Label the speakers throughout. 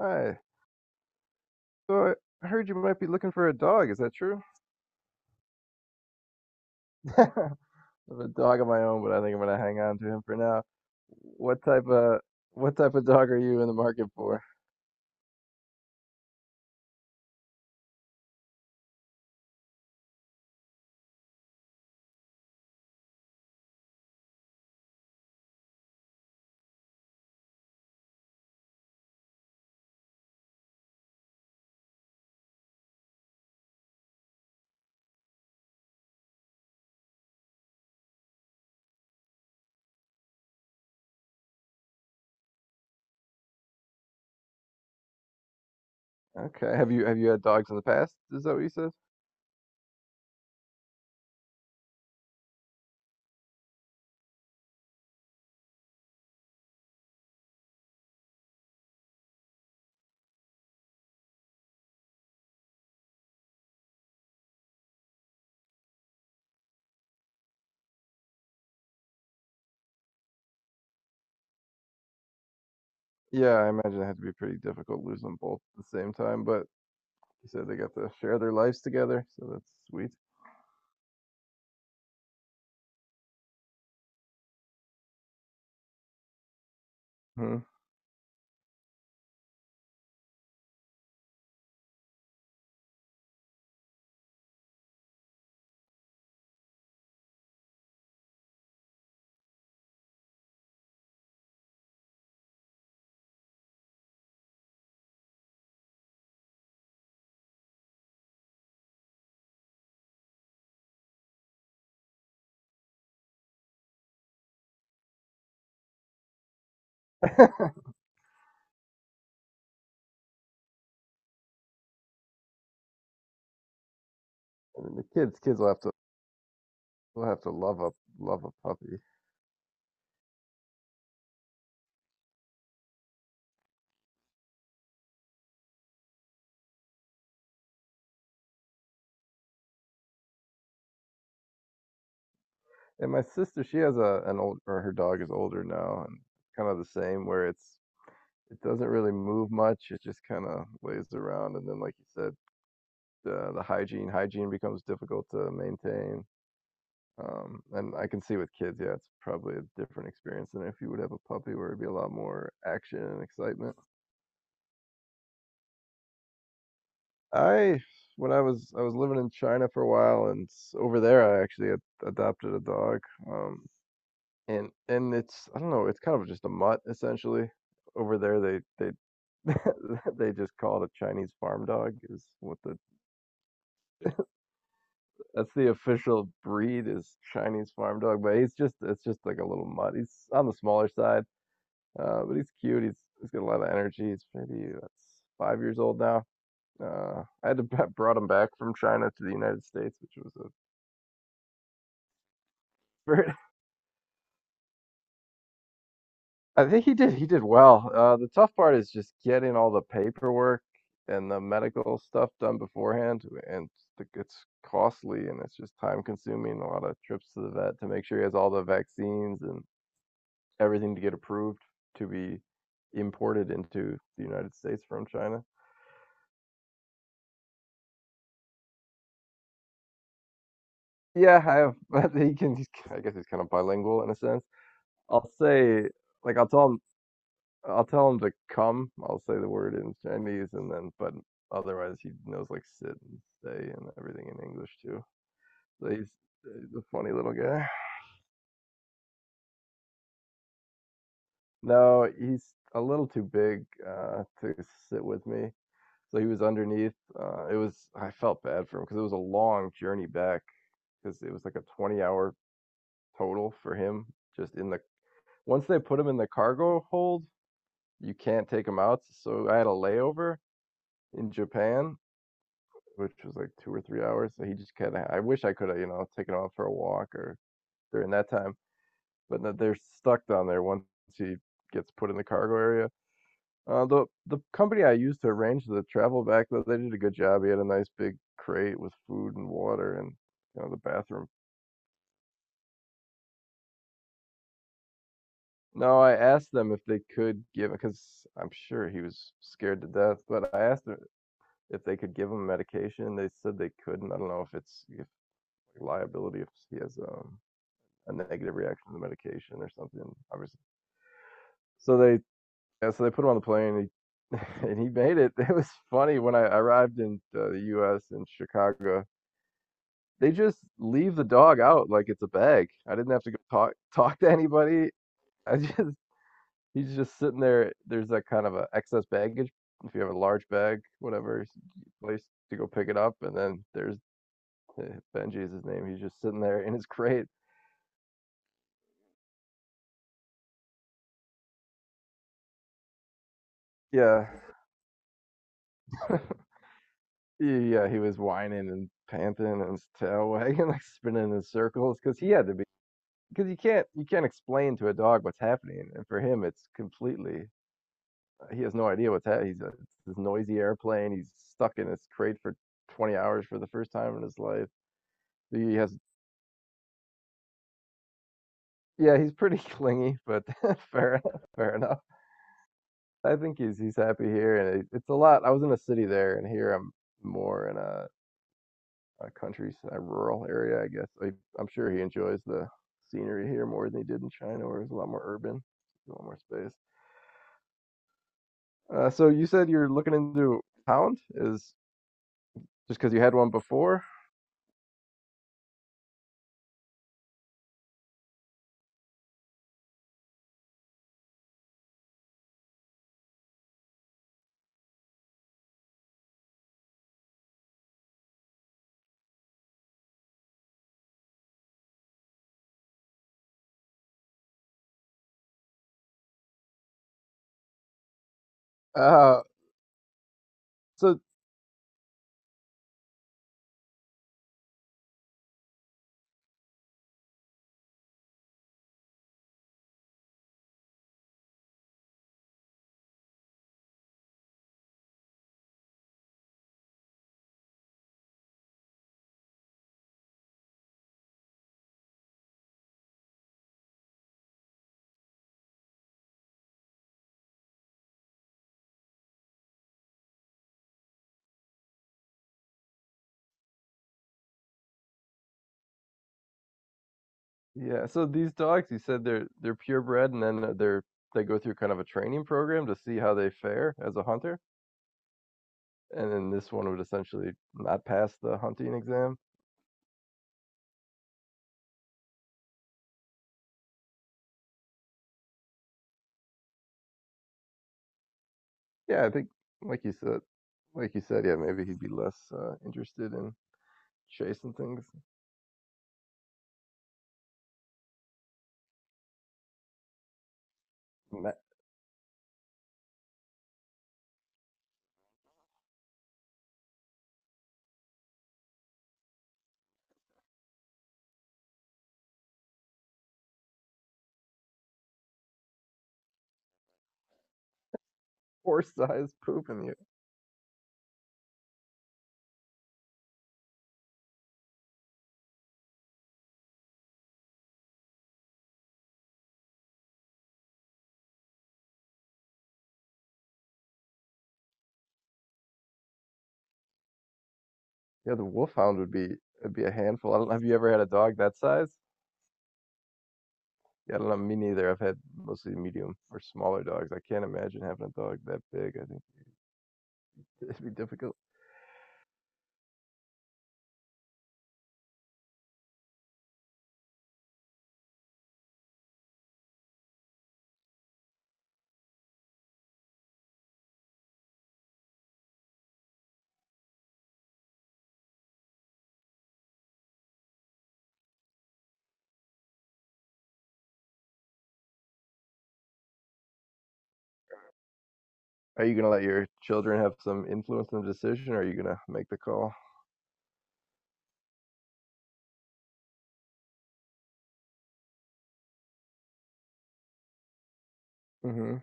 Speaker 1: Hi. So, I heard you might be looking for a dog. Is that true? I have a dog of my own, but I think I'm gonna hang on to him for now. What type of what type of dog are you in the market for? Okay. Have you had dogs in the past? Is that what you said? Yeah, I imagine it had to be pretty difficult losing them both at the same time, but you said they got to share their lives together, so that's sweet. Hmm. And the kids will have to will have to love a love a puppy. And my sister, she has a an old or her dog is older now and kind of the same where it doesn't really move much. It just kinda lays around, and then, like you said, the hygiene becomes difficult to maintain. And I can see with kids, yeah, it's probably a different experience than if you would have a puppy where it'd be a lot more action and excitement. I when I was living in China for a while, and s over there, I actually ad adopted a dog, um, and it's, I don't know, it's kind of just a mutt, essentially. Over there, they they just call it a Chinese farm dog is what the that's the official breed, is Chinese farm dog, but he's just it's just like a little mutt. He's on the smaller side, but he's cute. He's got a lot of energy. He's maybe, that's 5 years old now. I had to I brought him back from China to the United States, which was a very. I think he did well. The tough part is just getting all the paperwork and the medical stuff done beforehand, and it's costly and it's just time consuming. A lot of trips to the vet to make sure he has all the vaccines and everything to get approved to be imported into the United States from China. Yeah, I have. But he can. I guess he's kind of bilingual in a sense. I'll say, like, I'll tell him. I'll tell him to come. I'll say the word in Chinese, and then, but otherwise, he knows like sit and stay and everything in English too. So he's, he's a funny little guy. No, he's a little too big to sit with me. So he was underneath. It was. I felt bad for him because it was a long journey back, because it was like a 20-hour total for him, just in the Once they put him in the cargo hold, you can't take him out. So I had a layover in Japan, which was like 2 or 3 hours, so he just kind of, I wish I could have, you know, taken off for a walk or during that time. But no, they're stuck down there once he gets put in the cargo area. The company I used to arrange the travel back, though, they did a good job. He had a nice big crate with food and water and, you know, the bathroom. No, I asked them if they could give, because I'm sure he was scared to death, but I asked them if they could give him medication. They said they couldn't. I don't know if it's if like liability if he has a negative reaction to the medication or something. Obviously, so they yeah, so they put him on the plane. He, and he made it. It was funny when I arrived in the U.S. in Chicago. They just leave the dog out like it's a bag. I didn't have to go talk to anybody. I just He's just sitting there. There's that kind of a excess baggage. If you have a large bag, whatever place to go pick it up, and then there's Benji is his name. He's just sitting there in his crate. Yeah, yeah. He was whining and panting and his tail wagging, like spinning in circles, because he had to be. Because you can't explain to a dog what's happening, and for him it's completely. He has no idea what's happening. This noisy airplane. He's stuck in his crate for 20 hours for the first time in his life. He has Yeah, he's pretty clingy, but fair fair enough. I think he's happy here, and it's a lot. I was in a city there, and here I'm more in a country, a rural area, I guess. I'm sure he enjoys the scenery here more than he did in China, where it's a lot more urban, a lot more space. So you said you're looking into hound is just because you had one before. Uh, so yeah, so these dogs, you said they're purebred, and then they go through kind of a training program to see how they fare as a hunter. And then this one would essentially not pass the hunting exam. Yeah, I think, like you said, like you said, yeah, maybe he'd be less interested in chasing things. And that horse sized poop, and yeah, the wolfhound would be a handful. I don't know. Have you ever had a dog that size? Yeah, I don't know. Me neither. I've had mostly medium or smaller dogs. I can't imagine having a dog that big. I think it'd be difficult. Are you gonna let your children have some influence in the decision, or are you gonna make the call? Hmm.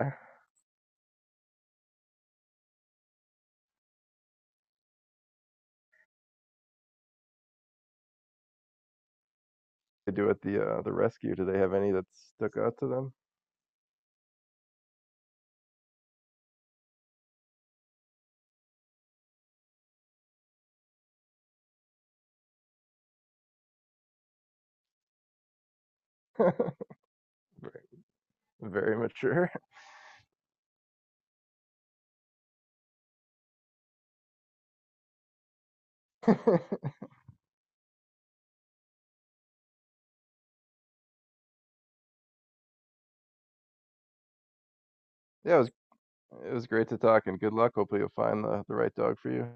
Speaker 1: I They do at the rescue? Do they have any that stuck out to them? Very, very mature. Yeah, it was it was great to talk and good luck. Hopefully you'll find the right dog for you.